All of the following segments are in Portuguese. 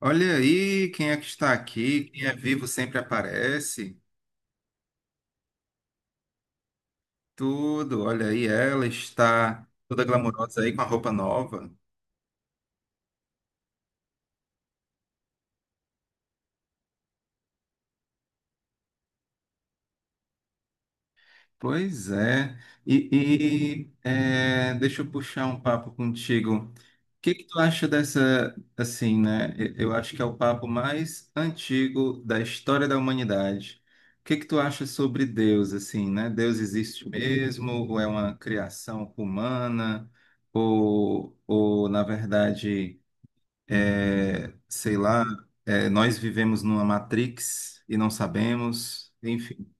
Olha aí quem é que está aqui, quem é vivo sempre aparece, tudo. Olha aí, ela está toda glamourosa aí com a roupa nova. Pois é. Deixa eu puxar um papo contigo. O que que tu acha dessa, assim, né? Eu acho que é o papo mais antigo da história da humanidade. O que que tu acha sobre Deus, assim, né? Deus existe mesmo? Ou é uma criação humana? Ou na verdade, sei lá, é, nós vivemos numa Matrix e não sabemos? Enfim.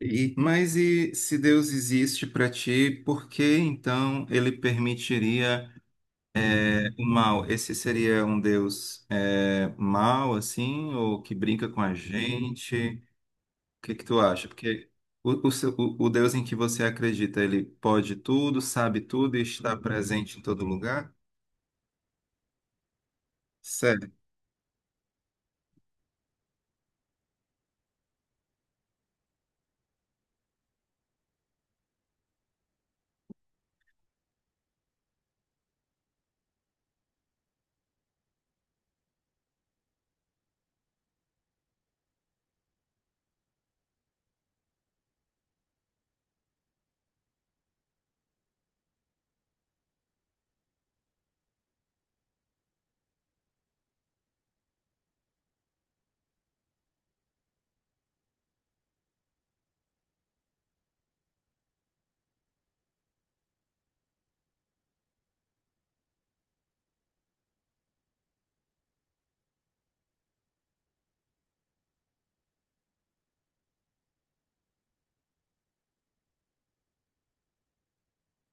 Mas e se Deus existe para ti, por que então ele permitiria o mal? Esse seria um Deus mau, assim, ou que brinca com a gente? O que que tu acha? Porque o Deus em que você acredita, ele pode tudo, sabe tudo e está presente em todo lugar? Sério?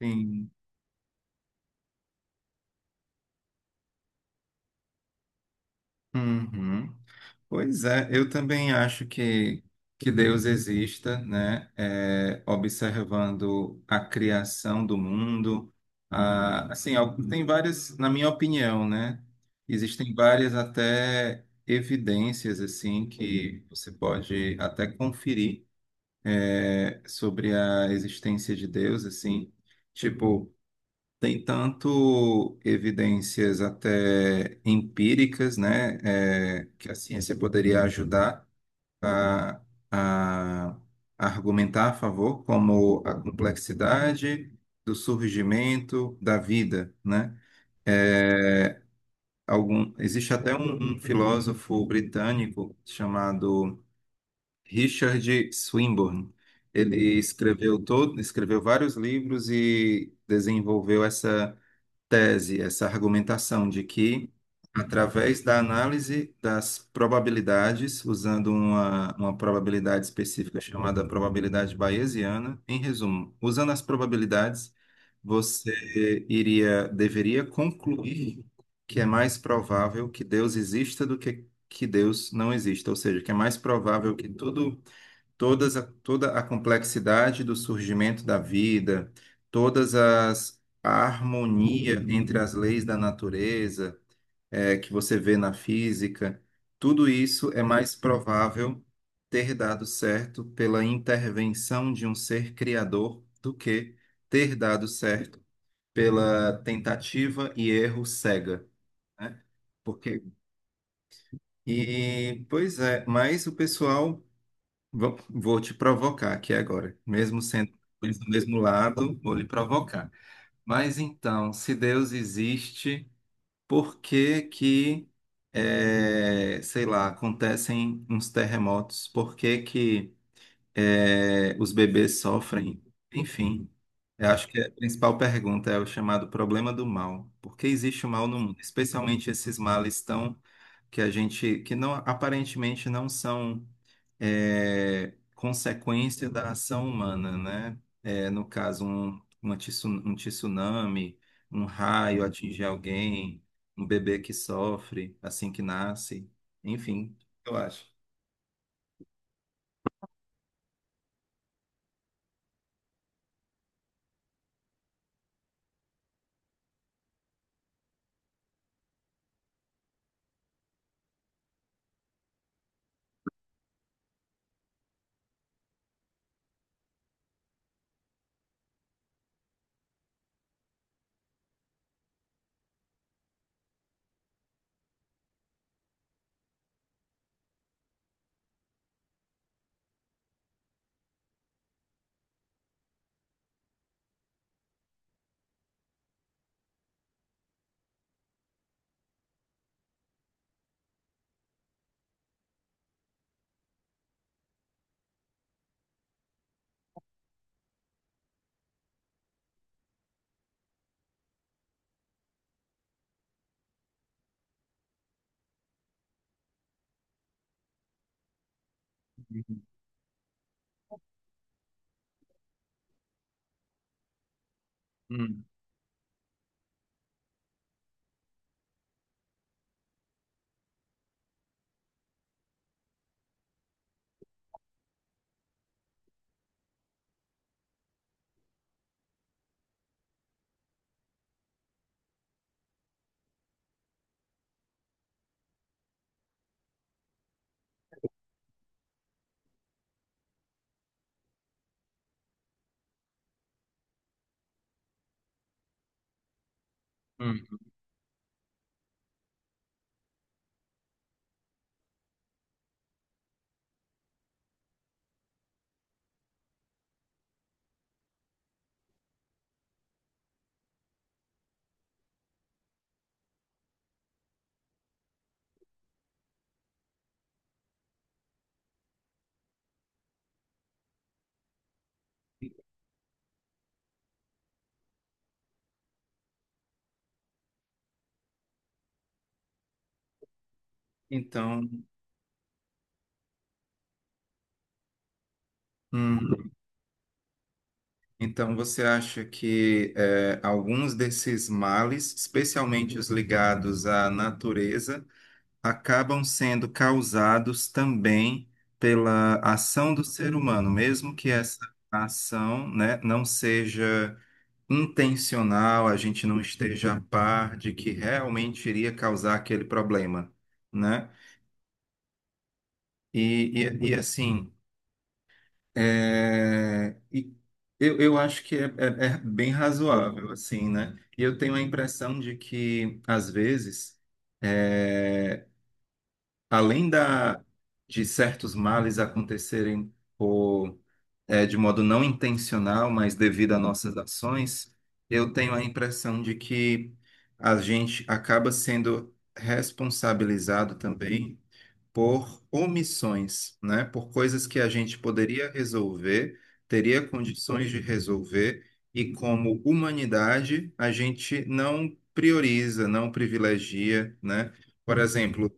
Sim. Uhum. Pois é, eu também acho que Deus exista, né? É, observando a criação do mundo, tem várias, na minha opinião, né? Existem várias até evidências, assim, que você pode até conferir, é, sobre a existência de Deus, assim. Tipo, tem tanto evidências até empíricas, né, é, que a ciência poderia ajudar a, a argumentar a favor, como a complexidade do surgimento da vida, né? É, algum, existe até um filósofo britânico chamado Richard Swinburne. Ele escreveu escreveu vários livros e desenvolveu essa tese, essa argumentação de que, através da análise das probabilidades, usando uma probabilidade específica chamada probabilidade bayesiana, em resumo, usando as probabilidades, você iria, deveria concluir que é mais provável que Deus exista do que Deus não exista, ou seja, que é mais provável que tudo toda a complexidade do surgimento da vida, todas as a harmonia entre as leis da natureza, que você vê na física, tudo isso é mais provável ter dado certo pela intervenção de um ser criador do que ter dado certo pela tentativa e erro cega, né? Porque, e pois é, mas o pessoal. Vou te provocar aqui agora. Mesmo sendo eles do mesmo lado, vou lhe provocar. Mas então, se Deus existe, por que que, sei lá, acontecem uns terremotos? Por que que, os bebês sofrem? Enfim, eu acho que a principal pergunta é o chamado problema do mal. Por que existe o mal no mundo? Especialmente esses males tão que a gente, que não aparentemente não são é, consequência da ação humana, né? É, no caso, um tsunami, um raio atingir alguém, um bebê que sofre assim que nasce, enfim, eu acho. Hum, hum. Então, hum, então você acha que é, alguns desses males, especialmente os ligados à natureza, acabam sendo causados também pela ação do ser humano, mesmo que essa ação, né, não seja intencional, a gente não esteja a par de que realmente iria causar aquele problema, né? Assim, é, e eu acho que é bem razoável, assim, né? E eu tenho a impressão de que, às vezes, é, além de certos males acontecerem por, de modo não intencional, mas devido a nossas ações, eu tenho a impressão de que a gente acaba sendo responsabilizado também por omissões, né? Por coisas que a gente poderia resolver, teria condições de resolver, e como humanidade, a gente não prioriza, não privilegia, né? Por exemplo,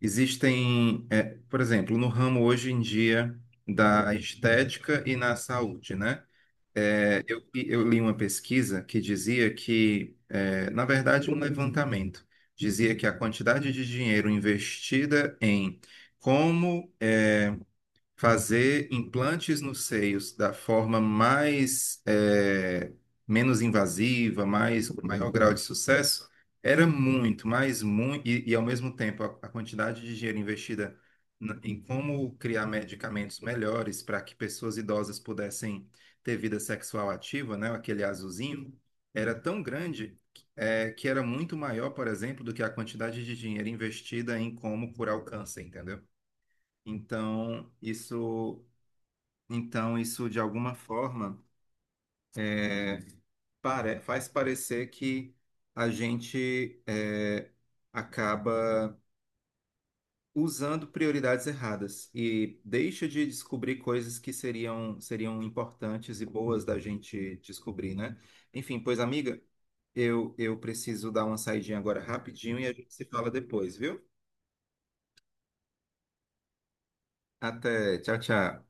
existem, é, por exemplo, no ramo hoje em dia da estética e na saúde, né? É, eu li uma pesquisa que dizia que, é, na verdade, um levantamento dizia que a quantidade de dinheiro investida em como é, fazer implantes nos seios da forma mais menos invasiva, mais com maior grau de sucesso, era muito, mas muito ao mesmo tempo a quantidade de dinheiro investida em como criar medicamentos melhores para que pessoas idosas pudessem ter vida sexual ativa, né, aquele azulzinho, era tão grande que era muito maior, por exemplo, do que a quantidade de dinheiro investida em como curar o câncer, entendeu? Então, isso então, isso de alguma forma é, pare- faz parecer que a gente é, acaba usando prioridades erradas e deixa de descobrir coisas que seriam importantes e boas da gente descobrir, né? Enfim, pois, amiga, eu preciso dar uma saidinha agora rapidinho e a gente se fala depois, viu? Até, tchau, tchau.